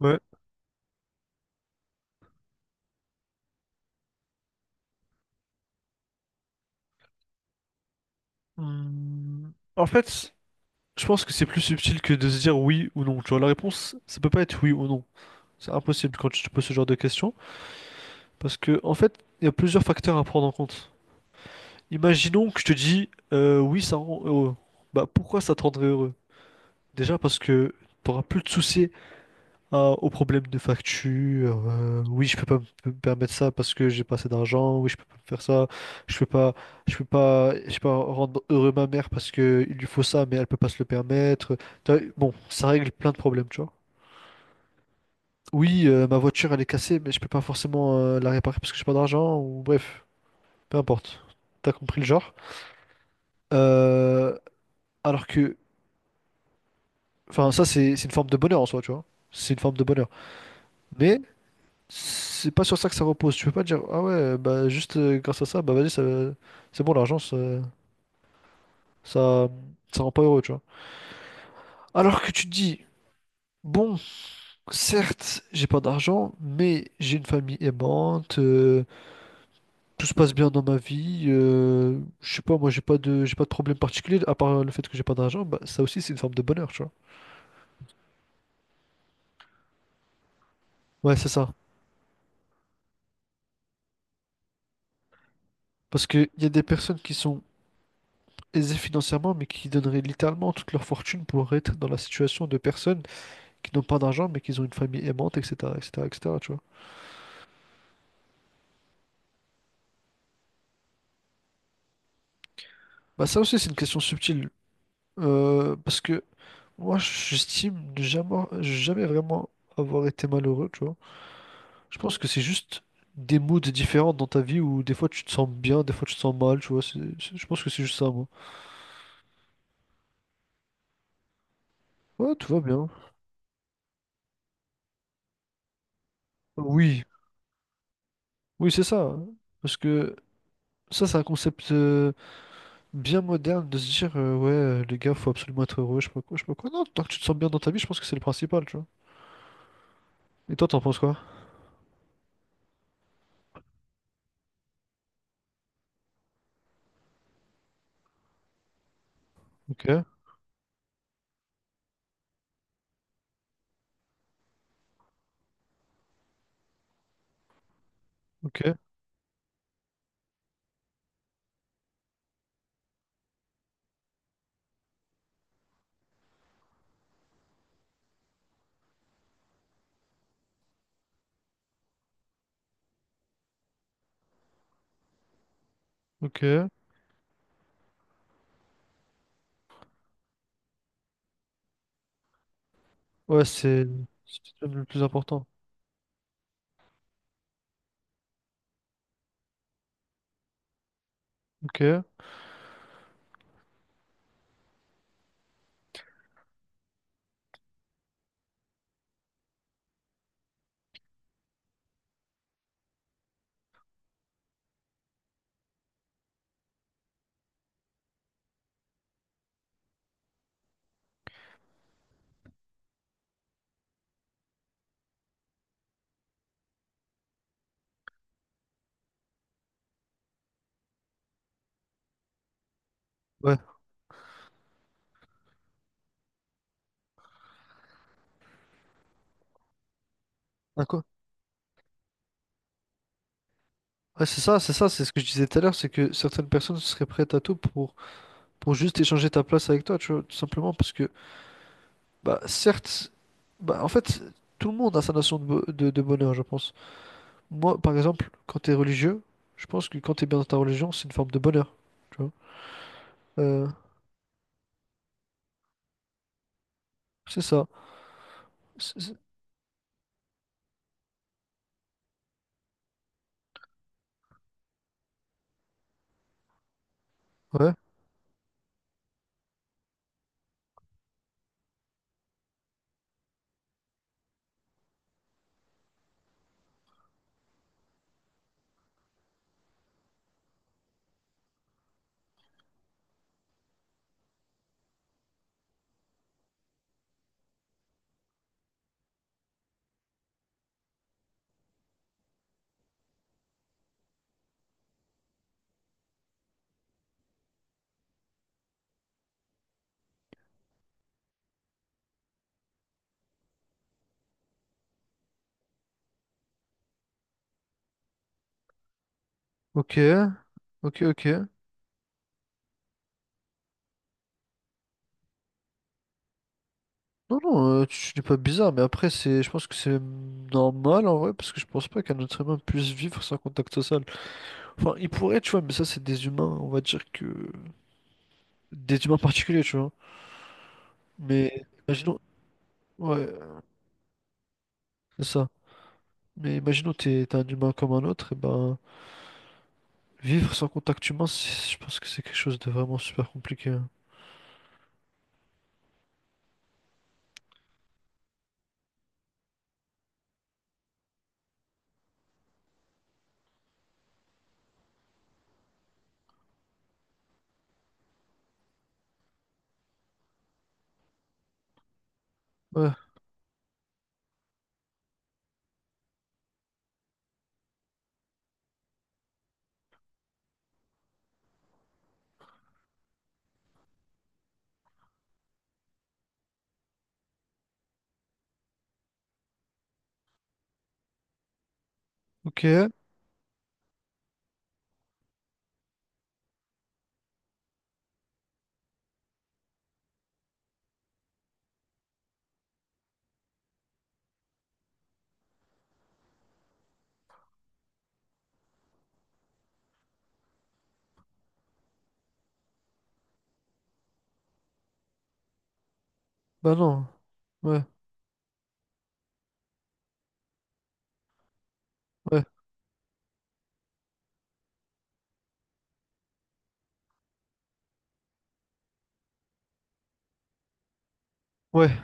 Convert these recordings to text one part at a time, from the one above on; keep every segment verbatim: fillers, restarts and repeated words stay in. Ouais. Hum, En fait, je pense que c'est plus subtil que de se dire oui ou non. Tu vois, la réponse, ça peut pas être oui ou non. C'est impossible quand tu te poses ce genre de questions. Parce que, en fait, il y a plusieurs facteurs à prendre en compte. Imaginons que je te dis euh, oui, ça rend heureux. Bah, pourquoi ça te rendrait heureux? Déjà parce que tu n'auras plus de soucis à- aux problèmes de facture. Euh, oui, je peux pas me permettre ça parce que j'ai pas assez d'argent. Oui, je peux pas me faire ça. Je peux pas, je peux pas, je peux pas rendre heureux ma mère parce que il lui faut ça, mais elle peut pas se le permettre. Tu vois, bon, ça règle plein de problèmes, tu vois. Oui, euh, ma voiture elle est cassée, mais je peux pas forcément euh, la réparer parce que j'ai pas d'argent ou bref, peu importe. T'as compris le genre. Euh, alors que, enfin, ça c'est c'est une forme de bonheur en soi, tu vois. C'est une forme de bonheur. Mais c'est pas sur ça que ça repose. Tu peux pas dire, ah ouais, bah juste euh, grâce à ça, bah vas-y, ça- c'est bon, l'argent, ça, ça, ça rend pas heureux, tu vois. Alors que tu te dis, bon, certes, j'ai pas d'argent, mais j'ai une famille aimante, euh, tout se passe bien dans ma vie, euh, je sais pas, moi j'ai pas de, j'ai pas de problème particulier, à part le fait que j'ai pas d'argent, bah ça aussi c'est une forme de bonheur, tu vois. Ouais, c'est ça. Parce que y a des personnes qui sont aisées financièrement, mais qui donneraient littéralement toute leur fortune pour être dans la situation de personnes qui n'ont pas d'argent, mais qui ont une famille aimante, et cetera, et cetera, et cetera, tu vois. Bah, ça aussi, c'est une question subtile. Euh, parce que moi, j'estime ne jamais, jamais vraiment avoir été malheureux, tu vois. Je pense que c'est juste des moods différents dans ta vie où des fois tu te sens bien, des fois tu te sens mal, tu vois. C'est- c'est- je pense que c'est juste ça, moi. Ouais, tout va bien. Oui, oui, c'est ça. Parce que ça, c'est un concept euh, bien moderne de se dire, euh, ouais, euh, les gars, faut absolument être heureux, je sais pas quoi, je sais pas quoi. Non, tant que tu te sens bien dans ta vie, je pense que c'est le principal, tu vois. Et toi, t'en penses quoi? Ok. Ok, ok. Ouais, c'est c'est peut-être même le plus important. Ok, ouais. À quoi- Ouais, c'est ça, c'est ça, c'est ce que je disais tout à l'heure, c'est que certaines personnes seraient prêtes à tout pour, pour juste échanger ta place avec toi, tu vois, tout simplement, parce que, bah, certes, bah, en fait, tout le monde a sa notion de, bo- de, de bonheur, je pense. Moi, par exemple, quand t'es religieux, je pense que quand t'es bien dans ta religion, c'est une forme de bonheur, tu vois. Euh, c'est ça. C'est- c'est- Ouais, ok, ok, ok. Non, non, euh, tu dis pas bizarre, mais après, c'est, je pense que c'est normal en vrai, parce que je pense pas qu'un être humain puisse vivre sans contact social. Enfin, il pourrait, tu vois, mais ça, c'est des humains, on va dire que. Des humains particuliers, tu vois. Mais imaginons. Ouais, c'est ça. Mais imaginons, t'es, t'es un humain comme un autre, et ben, vivre sans contact humain, c'est- je pense que c'est quelque chose de vraiment super compliqué, hein. Ouais, ok, bah non. Ouais, ouais, ouais.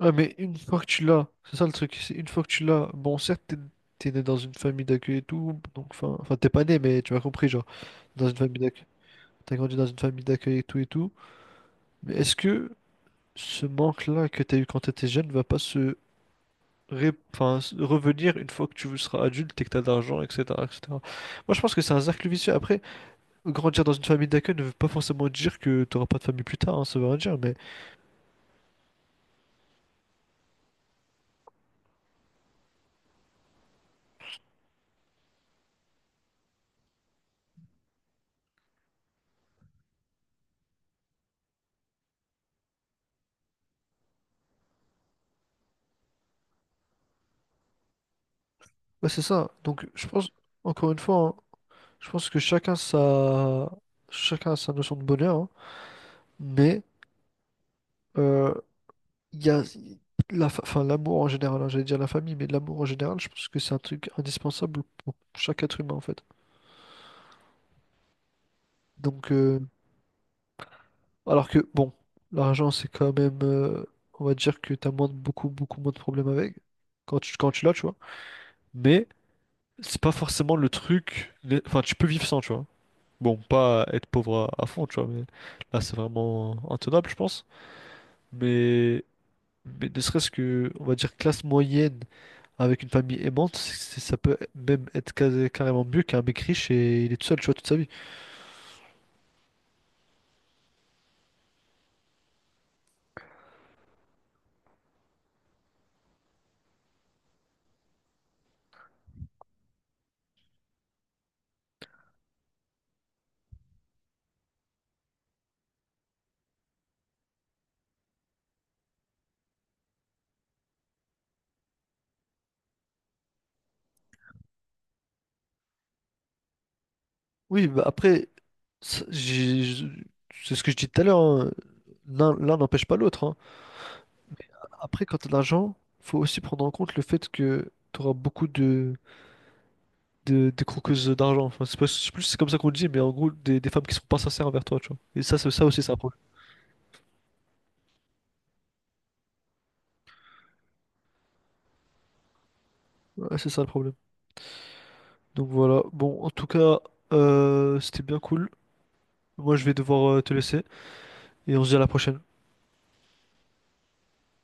Ah, mais une fois que tu l'as, c'est ça le truc, c'est une fois que tu l'as, bon, certes, t'es, t'es né dans une famille d'accueil et tout, donc, enfin, enfin, t'es pas né, mais tu m'as compris, genre, dans une famille d'accueil, t'as grandi dans une famille d'accueil et tout et tout, mais est-ce que ce manque-là que t'as eu quand t'étais jeune va pas se, ré- enfin, se revenir une fois que tu seras adulte et que t'as de l'argent, et cetera, et cetera. Moi, je pense que c'est un cercle vicieux. Après, grandir dans une famille d'accueil ne veut pas forcément dire que t'auras pas de famille plus tard, hein, ça veut rien dire, mais, ouais, c'est ça, donc, je pense, encore une fois, hein, je pense que chacun sa, chacun a sa notion de bonheur, hein. Mais euh, il y a la, fa- enfin, l'amour en général, hein, j'allais dire la famille, mais l'amour en général, je pense que c'est un truc indispensable pour chaque être humain en fait. Donc, euh, alors que bon, l'argent c'est quand même, euh, on va dire que t'as moins de, beaucoup, beaucoup moins de problèmes avec quand tu, quand tu l'as, tu vois. Mais c'est pas forcément le truc, les- enfin, tu peux vivre sans, tu vois. Bon, pas être pauvre à, à fond, tu vois, mais là c'est vraiment intenable, je pense. Mais Mais ne serait-ce que, on va dire, classe moyenne avec une famille aimante, c'est- ça peut même être ca- carrément mieux qu'un mec riche et il est tout seul, tu vois, toute sa vie. Oui, bah après, ça- j'ai- je- c'est ce que je dis tout à l'heure, hein, L'un l'un n'empêche pas l'autre, hein. Après, quand t'as de l'argent, faut aussi prendre en compte le fait que t'auras beaucoup de, de, de croqueuses d'argent. Enfin, c'est pas- je sais plus si c'est comme ça qu'on le dit, mais en gros, des, des femmes qui sont pas sincères envers toi, tu vois. Et ça, c'est ça aussi, c'est un problème. Ouais, c'est ça le problème. Donc voilà. Bon, en tout cas, euh, c'était bien cool. Moi, je vais devoir euh, te laisser et on se dit à la prochaine.